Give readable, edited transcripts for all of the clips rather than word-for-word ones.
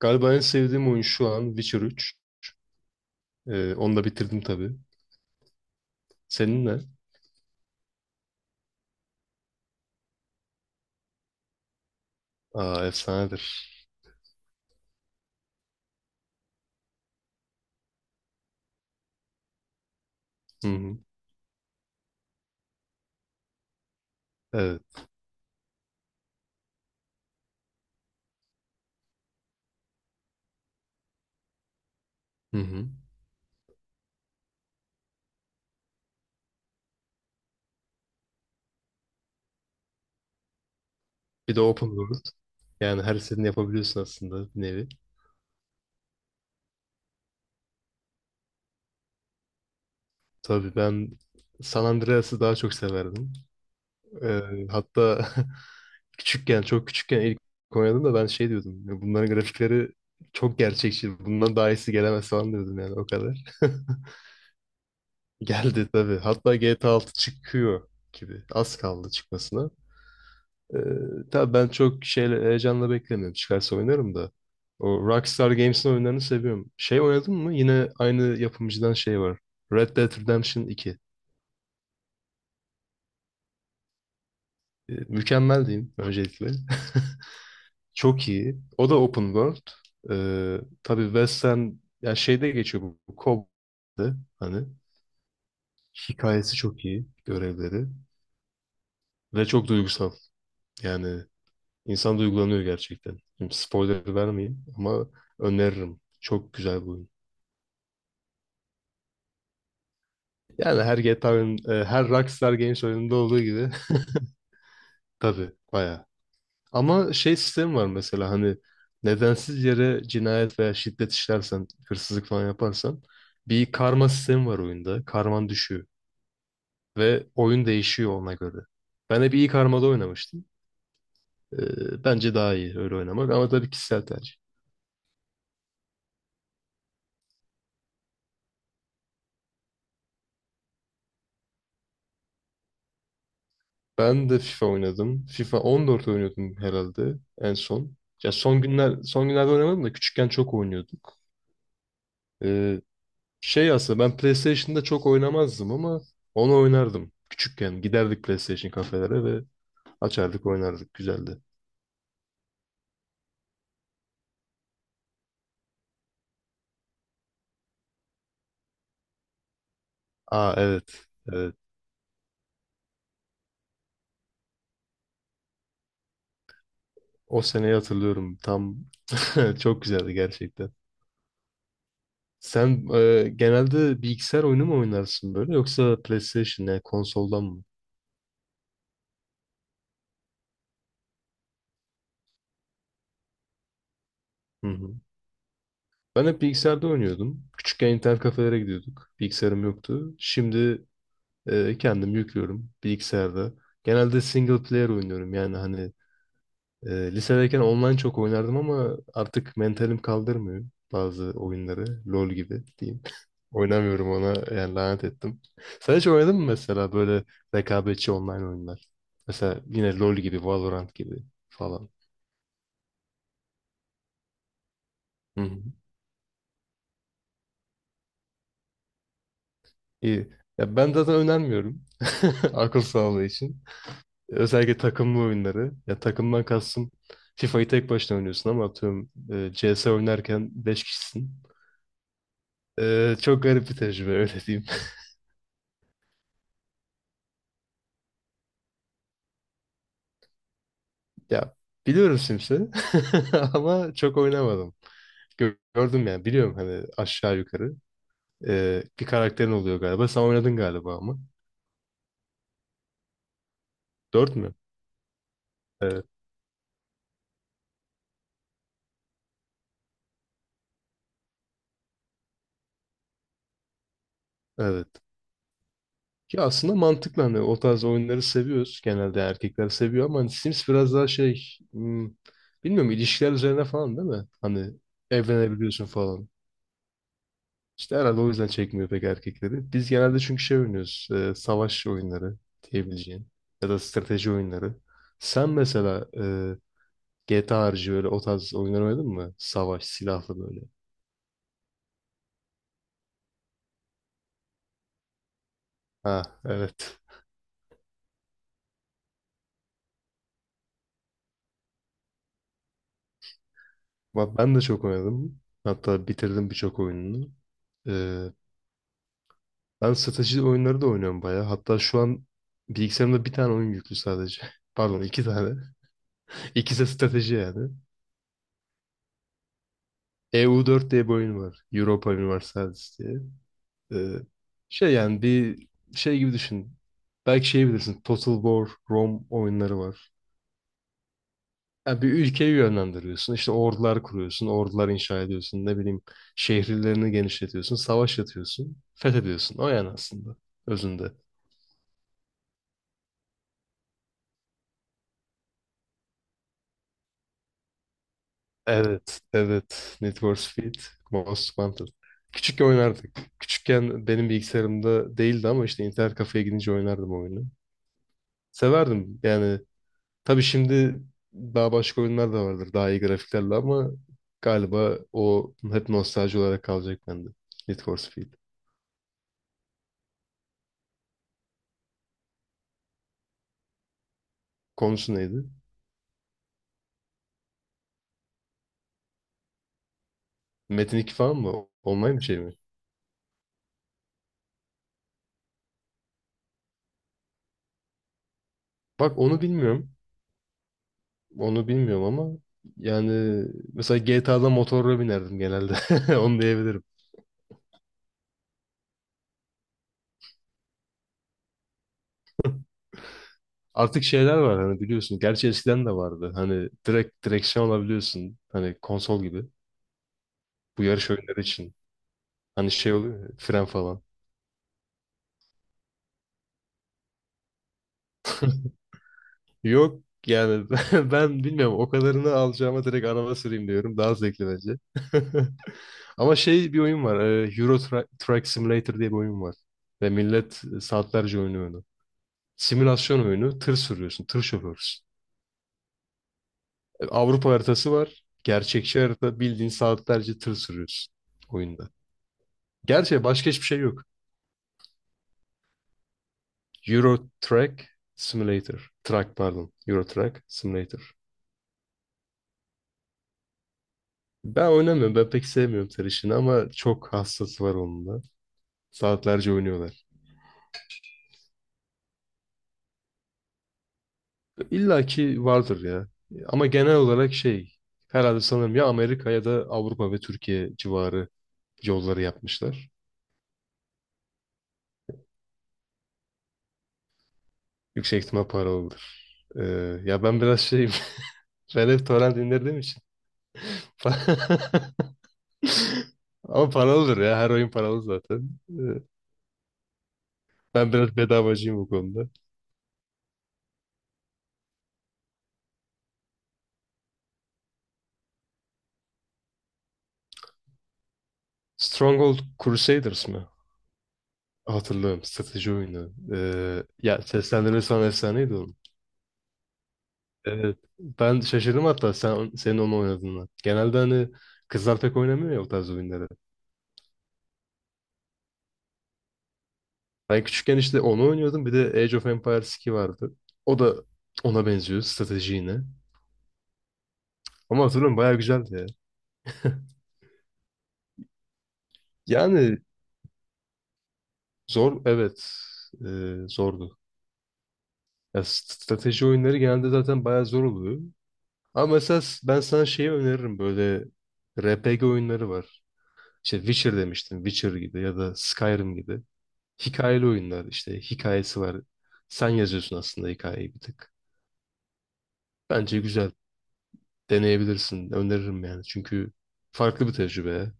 Galiba en sevdiğim oyun şu an Witcher 3. Onu da bitirdim tabii. Senin ne? Aa, efsanedir. Hı hı. Evet. Hı hı. Bir de open world. Yani her istediğini yapabiliyorsun aslında bir nevi. Tabii ben San Andreas'ı daha çok severdim. Ee, Hatta küçükken, çok küçükken ilk oynadım da ben şey diyordum. "Ya, bunların grafikleri çok gerçekçi. Bundan daha iyisi gelemez," falan diyordum, yani o kadar. Geldi tabii. Hatta GTA 6 çıkıyor gibi. Az kaldı çıkmasına. Ee, tabii ben çok şeyle heyecanla beklemiyorum. Çıkarsa oynarım da. O Rockstar Games'in oyunlarını seviyorum. Şey oynadın mı? Yine aynı yapımcıdan şey var. Red Dead Redemption 2. Mükemmel diyeyim öncelikle. Çok iyi. O da open world. Tabii Western, yani şeyde geçiyor, bu Cowboy'da, hani hikayesi çok iyi. Görevleri. Ve çok duygusal. Yani insan duygulanıyor gerçekten. Şimdi spoiler vermeyeyim ama öneririm. Çok güzel bu oyun. Yani her Rockstar Games oyununda olduğu gibi tabii bayağı. Ama şey sistemi var mesela, hani nedensiz yere cinayet veya şiddet işlersen, hırsızlık falan yaparsan, bir karma sistemi var oyunda. Karman düşüyor ve oyun değişiyor ona göre. Ben hep iyi karmada oynamıştım. Bence daha iyi öyle oynamak ama tabii kişisel tercih. Ben de FIFA oynadım. FIFA 14 oynuyordum herhalde en son. Ya, son günlerde oynamadım da küçükken çok oynuyorduk. Ee, Şey aslında ben PlayStation'da çok oynamazdım ama onu oynardım. Küçükken giderdik PlayStation kafelere ve açardık, oynardık. Güzeldi. Aa, evet. Evet. O seneyi hatırlıyorum. Tam çok güzeldi gerçekten. Sen genelde bilgisayar oyunu mu oynarsın böyle, yoksa PlayStation, yani konsoldan mı? Hı hı. Ben hep bilgisayarda oynuyordum. Küçükken internet kafelere gidiyorduk. Bilgisayarım yoktu. Şimdi kendim yüklüyorum bilgisayarda. Genelde single player oynuyorum, yani hani. Lisedeyken online çok oynardım ama artık mentalim kaldırmıyor bazı oyunları. LoL gibi diyeyim. Oynamıyorum ona, yani lanet ettim. Sen hiç oynadın mı mesela böyle rekabetçi online oyunlar? Mesela yine LoL gibi, Valorant gibi falan. Hı hı. İyi. Ya, ben zaten önermiyorum akıl sağlığı için. Özellikle takımlı oyunları. Ya, takımdan kastım, FIFA'yı tek başına oynuyorsun ama atıyorum CS oynarken 5 kişisin. Çok garip bir tecrübe, öyle diyeyim. Ya, biliyorum Sims'i ama çok oynamadım. Gördüm, yani biliyorum hani, aşağı yukarı. Bir karakterin oluyor galiba. Sen oynadın galiba ama. Dört mü? Evet. Evet. Ki aslında mantıklı, hani o tarz oyunları seviyoruz. Genelde erkekler seviyor ama hani Sims biraz daha şey, bilmiyorum, ilişkiler üzerine falan, değil mi? Hani evlenebiliyorsun falan. İşte herhalde o yüzden çekmiyor pek erkekleri. Biz genelde çünkü şey oynuyoruz, savaş oyunları diyebileceğin. Ya da strateji oyunları. Sen mesela GTA harici böyle o tarz oyunlar oynadın mı? Savaş, silahlı böyle. Ha, evet. Bak, ben de çok oynadım. Hatta bitirdim birçok oyununu. E, Ben strateji oyunları da oynuyorum bayağı. Hatta şu an bilgisayarımda bir tane oyun yüklü sadece. Pardon, iki tane. İkisi de strateji, yani. EU4 diye bir oyun var. Europa Universalis diye. Ee, Şey, yani bir şey gibi düşün. Belki şey bilirsin. Total War, Rome oyunları var. Yani bir ülkeyi yönlendiriyorsun. İşte ordular kuruyorsun. Ordular inşa ediyorsun. Ne bileyim, şehirlerini genişletiyorsun. Savaş yatıyorsun. Fethediyorsun. O, yani aslında. Özünde. Evet. Evet. Need for Speed. Most Wanted. Küçükken oynardık. Küçükken benim bilgisayarımda değildi ama işte internet kafeye gidince oynardım oyunu. Severdim yani. Tabii şimdi daha başka oyunlar da vardır. Daha iyi grafiklerle ama galiba o hep nostalji olarak kalacak bende. Need for Speed. Konusu neydi? Metin 2 falan mı? Online bir şey mi? Bak, onu bilmiyorum. Onu bilmiyorum ama yani mesela GTA'da motorla binerdim genelde. Onu diyebilirim. Artık şeyler var hani, biliyorsun. Gerçi eskiden de vardı. Hani direkt direksiyon alabiliyorsun. Hani konsol gibi. Bu yarış oyunları için. Hani şey oluyor ya, fren falan. Yok yani ben bilmiyorum, o kadarını alacağıma direkt araba süreyim diyorum. Daha zevkli bence. Ama şey, bir oyun var. Euro Truck Simulator diye bir oyun var. Ve millet saatlerce oynuyor onu. Simülasyon oyunu. Tır sürüyorsun. Tır şoförsün. Avrupa haritası var. Gerçekçi harita. Bildiğin saatlerce tır sürüyorsun oyunda. Gerçi başka hiçbir şey yok. Euro Truck Simulator. Truck, pardon. Euro Truck Simulator. Ben oynamıyorum. Ben pek sevmiyorum tır işini ama çok hassası var onun da. Saatlerce oynuyorlar. İlla ki vardır ya. Ama genel olarak şey, herhalde sanırım ya Amerika ya da Avrupa ve Türkiye civarı yolları yapmışlar. Yüksek ihtimal paralıdır. Ee, Ya ben biraz şeyim. Ben hep torrent indirdiğim için. Ama paralıdır ya. Her oyun paralı zaten. Ben biraz bedavacıyım bu konuda. Stronghold Crusaders mı? Hatırlıyorum. Strateji oyunu. Ya, seslendirmesi falan efsaneydi o. Evet. Ben şaşırdım hatta senin onu oynadığına. Genelde hani kızlar pek oynamıyor ya o tarz oyunları. Ben küçükken işte onu oynuyordum. Bir de Age of Empires 2 vardı. O da ona benziyor, strateji yine. Ama hatırlıyorum, bayağı güzeldi ya. Yani zor, evet. Zordu. Ya, strateji oyunları genelde zaten bayağı zor oluyor. Ama mesela ben sana şeyi öneririm böyle, RPG oyunları var. İşte Witcher demiştim. Witcher gibi ya da Skyrim gibi. Hikayeli oyunlar işte, hikayesi var. Sen yazıyorsun aslında hikayeyi bir tık. Bence güzel. Deneyebilirsin. Öneririm yani. Çünkü farklı bir tecrübe.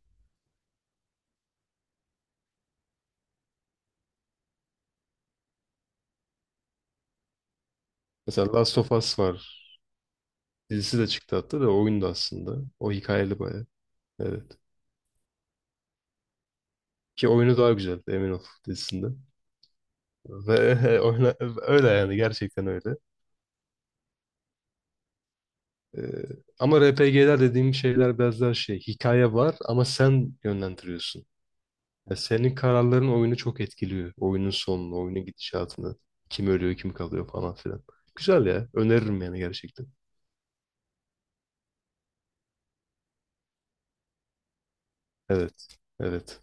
Mesela Last of Us var. Dizisi de çıktı hatta, da oyun da aslında. O hikayeli baya. Evet. Ki oyunu daha güzel emin ol dizisinde. Ve oyna, öyle yani, gerçekten öyle. Ee, Ama RPG'ler dediğim şeyler biraz daha şey, hikaye var ama sen yönlendiriyorsun. Ya, senin kararların oyunu çok etkiliyor. Oyunun sonunu, oyunun gidişatını. Kim ölüyor, kim kalıyor falan filan. Güzel ya. Öneririm yani gerçekten. Evet. Evet.